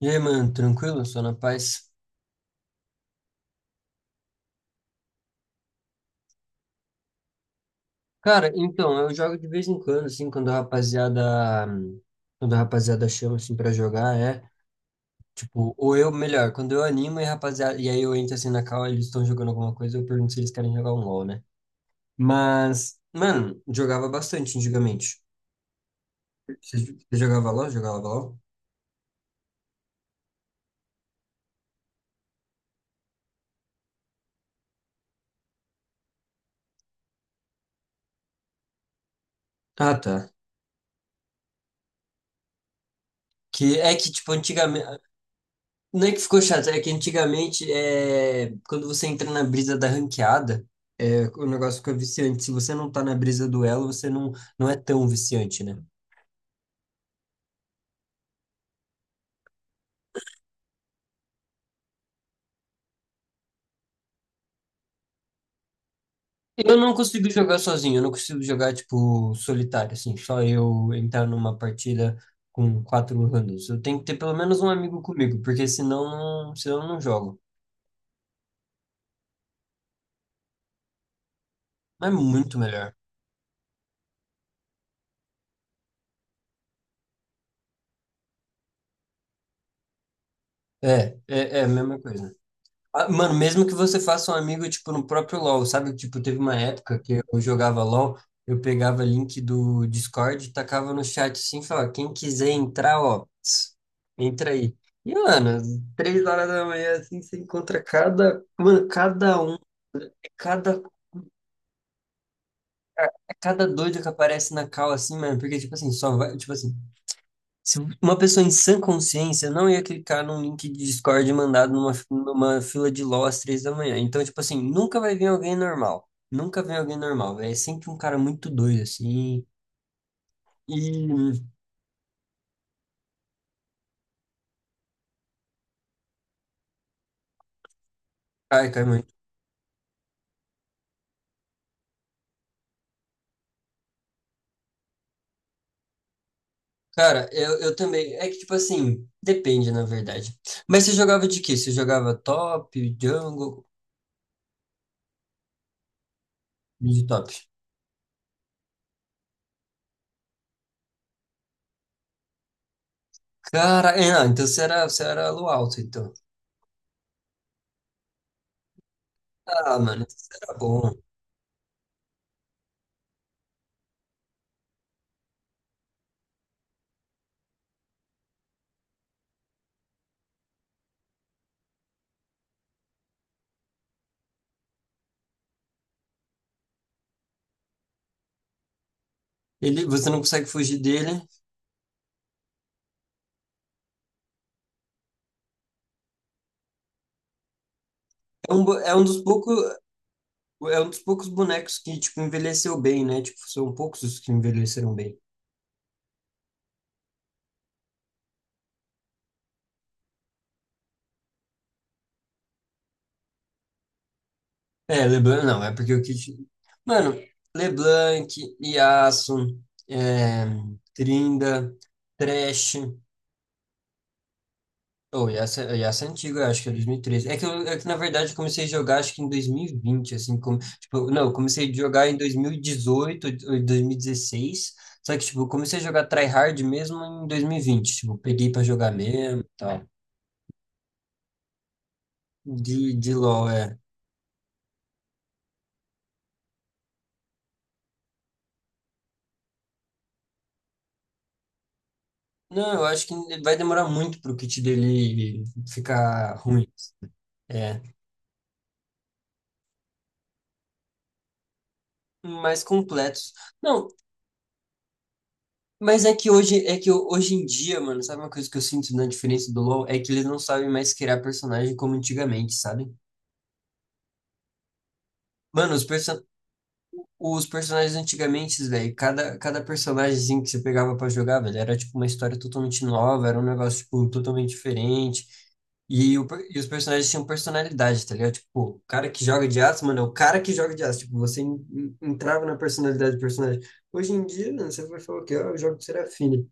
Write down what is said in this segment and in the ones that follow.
E aí, mano, tranquilo? Só na paz? Cara, então, eu jogo de vez em quando, assim, quando a rapaziada chama, assim, pra jogar, é, tipo, quando eu animo e a rapaziada, e aí eu entro, assim, na call, eles estão jogando alguma coisa, eu pergunto se eles querem jogar um LoL, né? Mas, mano, jogava bastante antigamente. Você você jogava LoL? Jogava LoL? Ah, tá. Que é que, tipo, antigamente. Não é que ficou chato, é que antigamente, é, quando você entra na brisa da ranqueada, é, o negócio fica viciante. Se você não tá na brisa do elo, você não é tão viciante, né? Eu não consigo jogar sozinho, eu não consigo jogar, tipo, solitário, assim, só eu entrar numa partida com quatro randoms. Eu tenho que ter pelo menos um amigo comigo, porque senão, senão eu não jogo. Mas é muito melhor. É a mesma coisa. Ah, mano, mesmo que você faça um amigo, tipo, no próprio LoL, sabe? Tipo, teve uma época que eu jogava LoL, eu pegava link do Discord, e tacava no chat assim, e falava, quem quiser entrar, ó, ps, entra aí. E, mano, às três horas da manhã, assim, você encontra cada, mano, cada um, cada, cada doido que aparece na call, assim, mano, porque, tipo assim, só vai, tipo assim, se uma pessoa em sã consciência não ia clicar num link de Discord mandado numa fila de LOL às três da manhã. Então, tipo assim, nunca vai vir alguém normal. Nunca vem alguém normal, velho. É sempre um cara muito doido, assim. E. Ai, cai muito. Cara, eu também. É que, tipo assim, depende, na verdade. Mas você jogava de quê? Você jogava top, jungle, mid top? Cara, é, não, então você era elo alto, então. Ah, mano, você era bom. Ele, você não consegue fugir dele. É um dos poucos. É um dos poucos bonecos que, tipo, envelheceu bem, né? Tipo, são poucos os que envelheceram bem. É, LeBlanc não, é porque o Kit. Mano, LeBlanc, Yasuo, é, Trinda, Thresh. Oh, Yasuo, Yasuo é antigo, eu acho que é 2013. É que, na verdade, eu comecei a jogar, acho que em 2020, assim, como, tipo, não, eu comecei a jogar em 2018, ou em 2016, só que, tipo, eu comecei a jogar tryhard mesmo em 2020, tipo, peguei pra jogar mesmo e tal. De LoL, é. Não, eu acho que vai demorar muito para o kit dele ficar ruim. É, mais completos. Não, mas é que hoje, hoje em dia, mano, sabe uma coisa que eu sinto na diferença do LoL? É que eles não sabem mais criar personagem como antigamente, sabe? Mano, os, perso Os personagens antigamente, velho, cada personagemzinho que você pegava pra jogar, velho, era tipo uma história totalmente nova, era um negócio, tipo, totalmente diferente. E os personagens tinham personalidade, tá ligado? Tipo, o cara que joga de aço, mano, é o cara que joga de aço. Tipo, você entrava na personalidade do personagem. Hoje em dia, mano, você vai falar o quê? Ah, eu jogo de Serafine.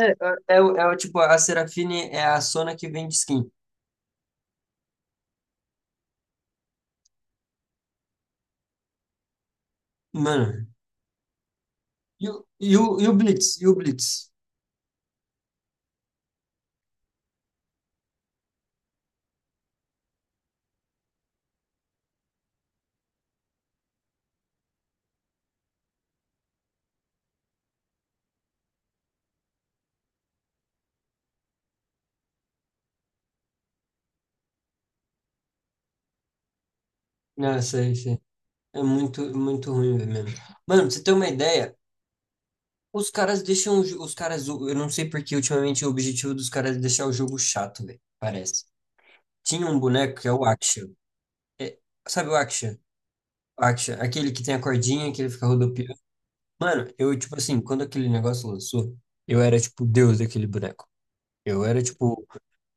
É, a Serafine é a Sona que vende skin. Mano, e o Blitz? E o Blitz? Nossa, é muito, muito ruim mesmo. Mano, pra você ter uma ideia, os caras deixam, os caras, eu não sei porque ultimamente o objetivo dos caras é deixar o jogo chato, velho, parece. Tinha um boneco que é o Aksha. É, sabe o Aksha? O Aksha, aquele que tem a cordinha, que ele fica rodopiando. Mano, eu, tipo assim, quando aquele negócio lançou, eu era, tipo, Deus daquele boneco. Eu era, tipo,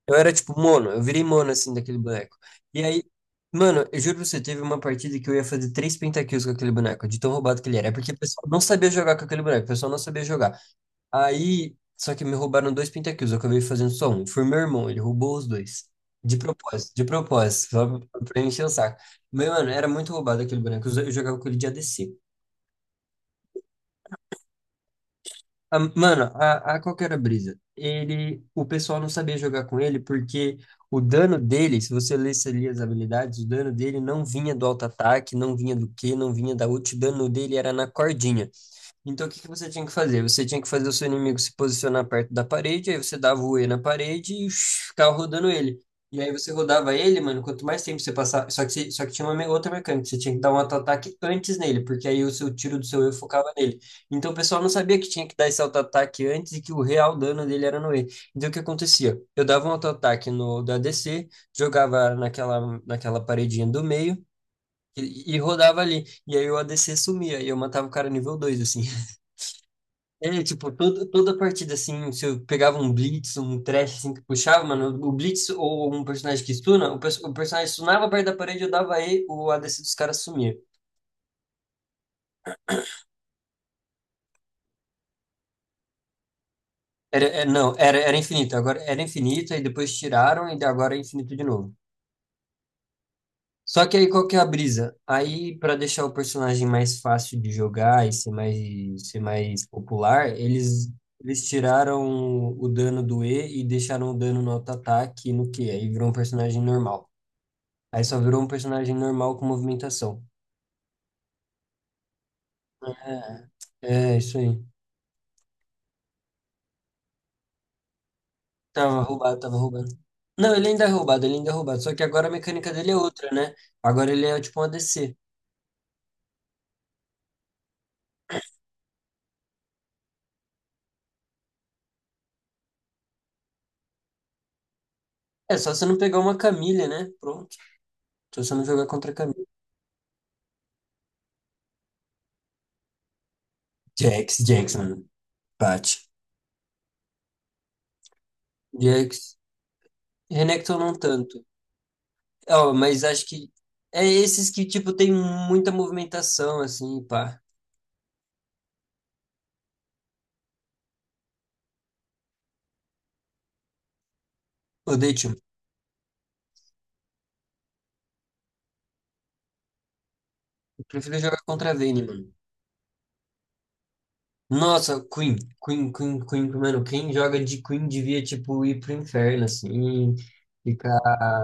Eu era tipo mono, eu virei mono assim daquele boneco. E aí, mano, eu juro pra você, teve uma partida que eu ia fazer três pentakills com aquele boneco, de tão roubado que ele era. É porque o pessoal não sabia jogar com aquele boneco, o pessoal não sabia jogar. Aí, só que me roubaram dois pentakills, eu acabei fazendo só um. Foi meu irmão, ele roubou os dois. De propósito, só pra encher o saco. Mas, mano, era muito roubado aquele boneco, eu jogava com ele de ADC. Mano, a qual que era a brisa? Ele, o pessoal não sabia jogar com ele porque o dano dele, se você lesse ali as habilidades, o dano dele não vinha do auto-ataque, não vinha do Q, não vinha da ult, o dano dele era na cordinha. Então, o que que você tinha que fazer? Você tinha que fazer o seu inimigo se posicionar perto da parede, aí você dava o E na parede e shh, ficava rodando ele. E aí você rodava ele, mano, quanto mais tempo você passar. Só que, só que tinha uma outra mecânica, você tinha que dar um auto-ataque antes nele, porque aí o seu tiro do seu E focava nele. Então o pessoal não sabia que tinha que dar esse auto-ataque antes e que o real dano dele era no E. Então o que acontecia? Eu dava um auto-ataque no da ADC, jogava naquela, naquela paredinha do meio. E rodava ali. E aí o ADC sumia. E eu matava o cara nível 2 assim. É, tipo, toda partida, assim, se eu pegava um Blitz, um Thresh, assim, que puxava, mano, o Blitz ou um personagem que stuna, o personagem stunava perto da parede, eu dava E, o ADC dos caras sumia. Era, é, não, era, era infinito, agora era infinito, aí depois tiraram e agora é infinito de novo. Só que aí qual que é a brisa? Aí, pra deixar o personagem mais fácil de jogar e ser mais popular, eles tiraram o dano do E e deixaram o dano no auto-ataque e no Q, aí virou um personagem normal. Aí só virou um personagem normal com movimentação. É, é isso aí. Tava roubado, tava roubando. Não, ele ainda é roubado, ele ainda é roubado. Só que agora a mecânica dele é outra, né? Agora ele é tipo um ADC. É, só você não pegar uma Camille, né? Pronto. Só você não jogar contra a Camille. Jax, mano. Bate. Jax. Renekton não tanto. Ó, mas acho que é esses que, tipo, tem muita movimentação, assim, pá. Odeio, time. Eu prefiro jogar contra a Vayne, mano. Nossa, Queen, mano, quem joga de Queen devia, tipo, ir pro inferno, assim, ficar,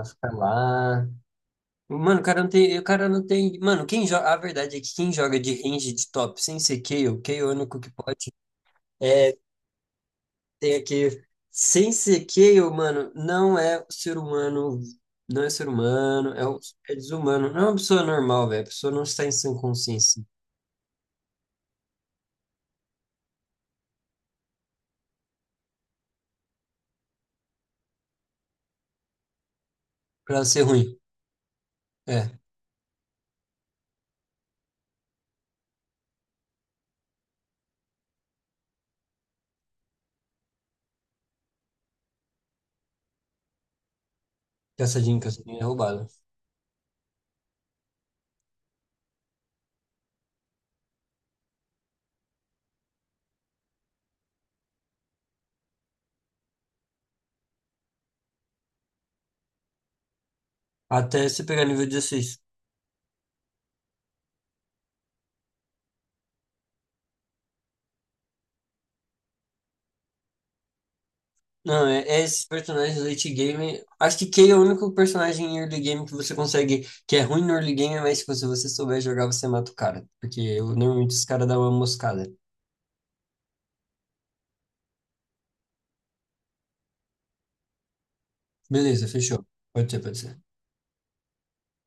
ficar lá. Mano, o cara não tem, o cara não tem, mano, quem joga, a verdade é que quem joga de range de top sem ser Kayle, Kayle é o único que pode, é, tem aqui, sem ser Kayle, mano, não é ser humano, não é ser humano, é desumano, não é uma pessoa normal, velho, a pessoa não está em sã consciência, pra ela ser ruim, é, caçadinho, é roubado. Até você pegar nível 16. Não, é, é esses personagens do late game. Acho que Kay é o único personagem em early game que você consegue, que é ruim no early game, mas tipo, se você souber jogar, você mata o cara. Porque eu, normalmente os caras dão uma moscada. Beleza, fechou. Pode ser, pode ser.